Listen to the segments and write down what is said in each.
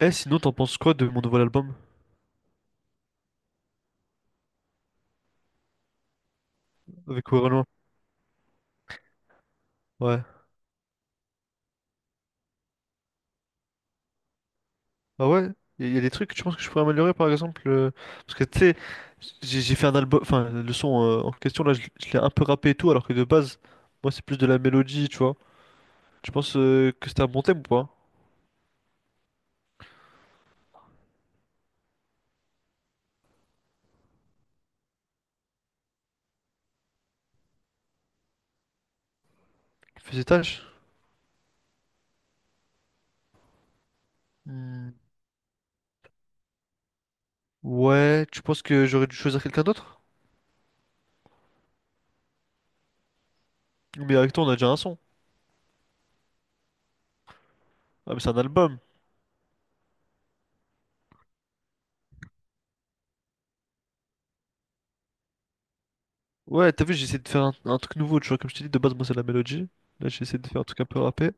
Eh, sinon, t'en penses quoi de mon nouvel album avec Werenoi? Ouais. Ah ouais? Il y a des trucs que tu penses que je pourrais améliorer, par exemple? Parce que, tu sais, j'ai fait un album... Enfin, le son en question, là, je l'ai un peu rappé et tout, alors que de base, moi, c'est plus de la mélodie, tu vois. Tu penses que c'était un bon thème ou pas? Qui fait ses tâches? Hmm. Ouais, tu penses que j'aurais dû choisir quelqu'un d'autre? Mais avec toi, on a déjà un son. Ah, mais c'est un album. Ouais, t'as vu, j'ai essayé de faire un truc nouveau, tu vois. Comme je t'ai dit, de base, moi, c'est la mélodie. Là, j'ai essayé de faire un truc un peu rappé.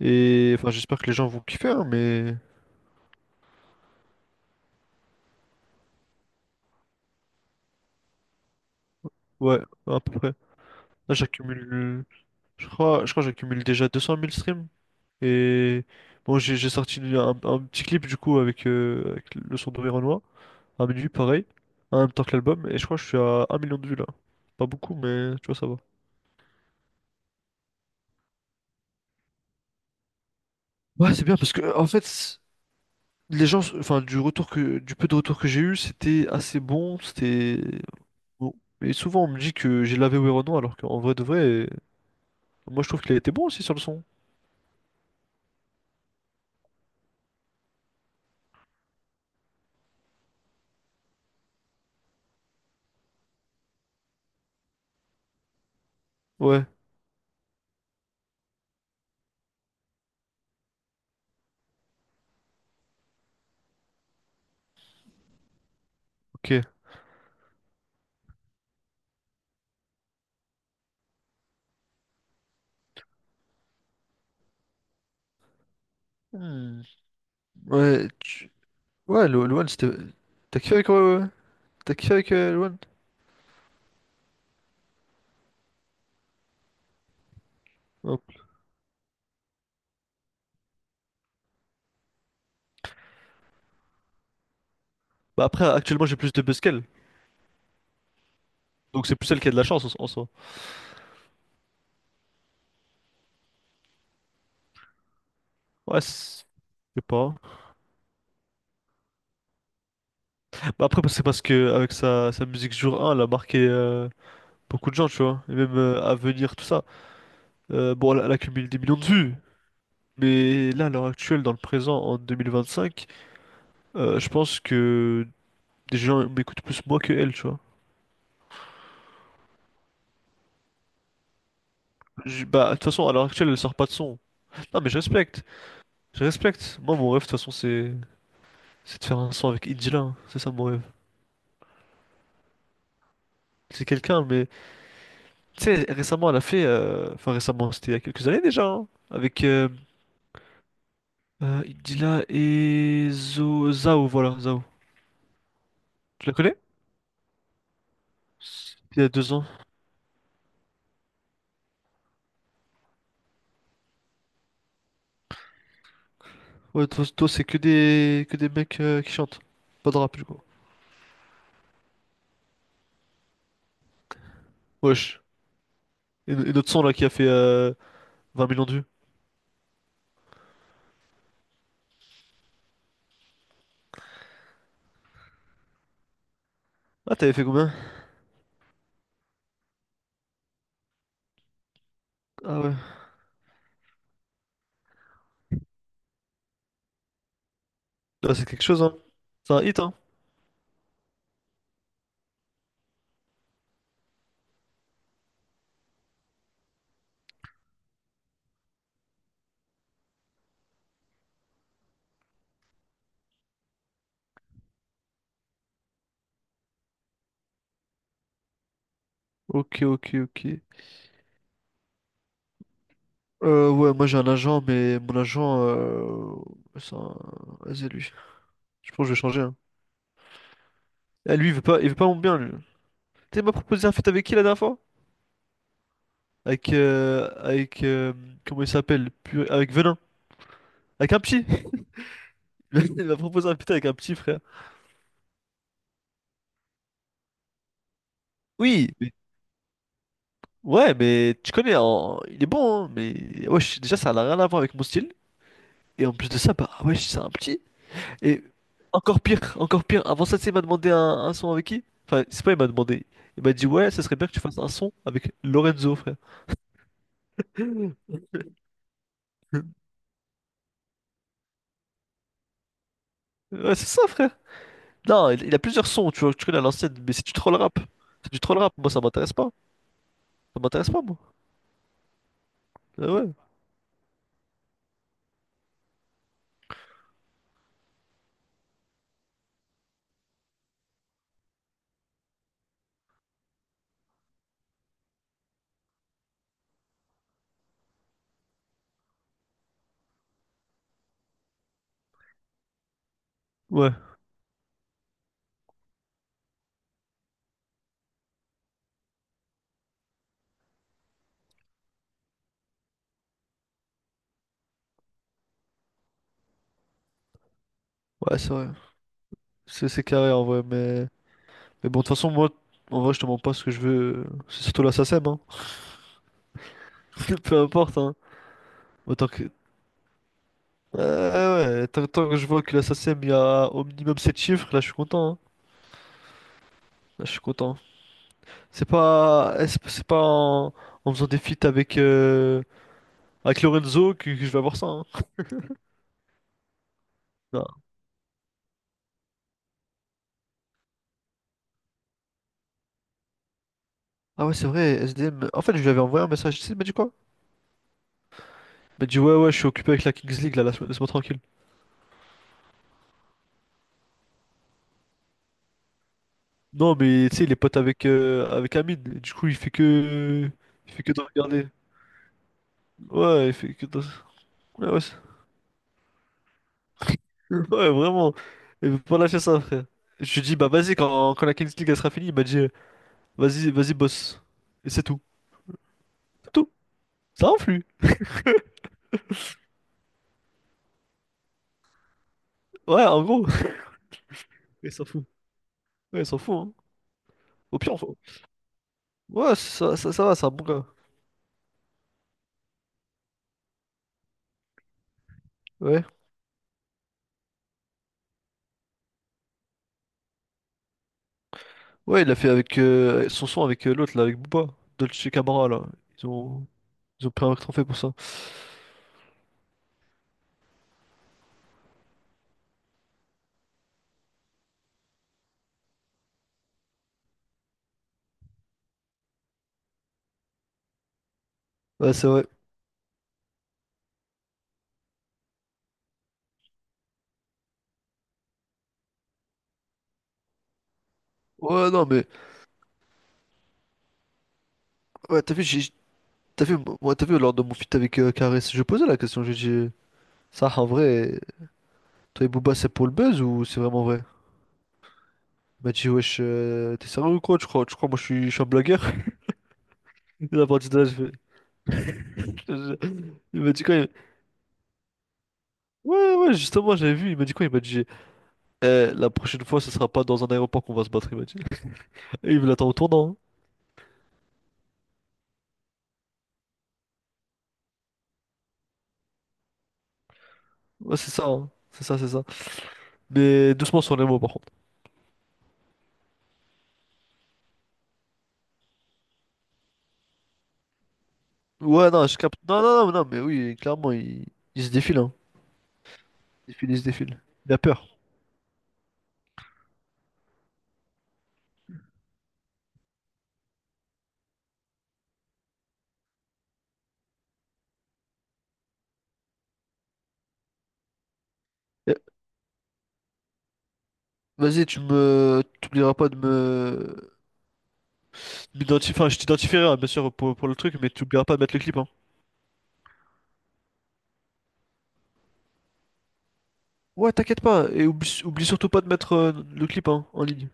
Et enfin, j'espère que les gens vont kiffer, hein, mais... Ouais, à peu près. Là, j'accumule, je crois que j'accumule déjà 200 000 streams. Et bon, j'ai sorti un petit clip du coup avec, avec le son d'Auvergnois, à minuit, pareil, en même temps que l'album. Et je crois que je suis à un million de vues là. Pas beaucoup, mais tu vois, ça va. Ouais, c'est bien parce que en fait, les gens, enfin, du peu de retour que j'ai eu, c'était assez bon. C'était bon. Et souvent, on me dit que j'ai lavé Werono, alors qu'en vrai de vrai, moi, je trouve qu'il a été bon aussi sur le son. Ouais, ok. Hmm. Ouais. Loan, c'était. T'as kiffé avec, Loan? Hop. Bah après, actuellement, j'ai plus de buzz qu'elle. Donc c'est plus elle qui a de la chance en en soi. Ouais, c'est- je sais pas. Bah après, c'est parce que avec sa musique jour 1, elle a marqué beaucoup de gens, tu vois. Et même à venir, tout ça. Bon, elle, elle accumule des millions de vues. Mais là, à l'heure actuelle, dans le présent, en 2025, je pense que des gens m'écoutent plus moi que elle, tu vois. Bah, de toute façon, à l'heure actuelle, elle sort pas de son. Non, mais je respecte. Je respecte. Moi, mon rêve, de toute façon, c'est. C'est de faire un son avec Indila, hein. C'est ça mon rêve. C'est quelqu'un, mais tu sais, récemment elle a fait, récemment, c'était il y a quelques années déjà, hein, avec Indila et Zao, voilà, Zao. Tu la connais? Il y a deux ans. Ouais, toi, c'est que des mecs qui chantent, pas de rap du coup. Wesh. Et notre son là qui a fait 20 millions de vues. Ah, t'avais fait combien? Ah ouais. Là c'est quelque chose, hein. C'est un hit, hein. Ok, ok, ok. Ouais, moi j'ai un agent, mais mon agent, c'est un... vas Je pense que je vais changer. Hein. Eh, lui, il veut pas mon bien, lui. Tu sais, il m'a proposé un feat avec qui la dernière fois? Avec, comment il s'appelle? Purée, avec Venin. Avec un petit. Il m'a proposé un feat avec un petit, frère. Oui, mais- ouais, mais tu connais, il est bon, hein, mais wesh, déjà, ça n'a rien à voir avec mon style. Et en plus de ça, bah, wesh, c'est un petit. Et encore pire, encore pire. Avant ça, tu sais, il m'a demandé un son avec qui? Enfin, c'est pas, il m'a demandé. Il m'a dit, ouais, ça serait bien que tu fasses un son avec Lorenzo, frère. Ouais, c'est ça, frère. Non, il a plusieurs sons, tu vois, tu connais à l'ancienne, mais c'est du troll rap. C'est du troll rap, moi ça m'intéresse pas. Ça m'intéresse pas, moi. Ouais. Ouais. Ouais, c'est vrai. C'est carré en vrai, mais. Mais bon, de toute façon, moi, en vrai, je te demande pas ce que je veux. C'est surtout la SACEM, hein. Peu importe, hein. Autant que. Tant que je vois que la SACEM, il y a au minimum 7 chiffres, là, je suis content, hein. Là, je suis content. C'est pas. Eh, c'est pas en... en faisant des feats avec. Avec Lorenzo que je vais avoir ça, hein. Ah ouais, c'est vrai, S D M. En fait, je lui avais envoyé un message. Tu sais, il m'a dit quoi? Il m'a dit, ouais, ouais, je suis occupé avec la Kings League, là, laisse-moi tranquille. Non, mais tu sais, il est pote avec, avec Amine. Et du coup, il fait que. Il fait que de regarder. Ouais, il fait que de. Ouais, ouais, c'est- ouais, vraiment. Il veut pas lâcher ça, frère. Je lui ai dit, bah vas-y, quand la Kings League elle sera finie, il m'a dit, vas-y, vas-y, boss. Et c'est tout. C'est tout. Ça influe. Ouais, en gros. Il s'en fout. Ouais, il s'en fout, hein. Au pire, on s'en- Ouais, ça va, c'est un bon gars. Ouais. Ouais, il l'a fait avec son avec l'autre là, avec Booba, Dolce Camara là. Ils ont, ils ont pris un trophée pour ça. Ouais, c'est vrai. Ouais, non, mais ouais, t'as vu, j'ai, t'as vu, moi, T'as vu lors de mon feat avec Karis, je posais la question, j'ai dit, ça en vrai, toi et Booba c'est pour le buzz ou c'est vraiment vrai? Il m'a dit, wesh, t'es sérieux ou quoi? Tu crois, je suis un blagueur? Il a parti de là, je fais- je- il m'a dit quoi? Il- Ouais, ouais, justement, j'avais vu, il m'a dit quoi? Il m'a dit, eh, la prochaine fois, ce sera pas dans un aéroport qu'on va se battre, il m'a dit. Et il me l'attend au tournant. Hein. Ouais, c'est ça, hein. C'est ça, c'est ça. Mais doucement sur les mots, par contre. Ouais, non, je capte. Non, non, non, non, mais oui, clairement, il se défile, hein. Il se défile, il se défile. Il a peur. Eh, vas-y, tu me. T'oublieras pas de me. Enfin, je t'identifierai, hein, bien sûr, pour le truc, mais t'oublieras pas de mettre le clip, hein. Ouais, t'inquiète pas. Et oublie surtout pas de mettre le clip, hein, en ligne.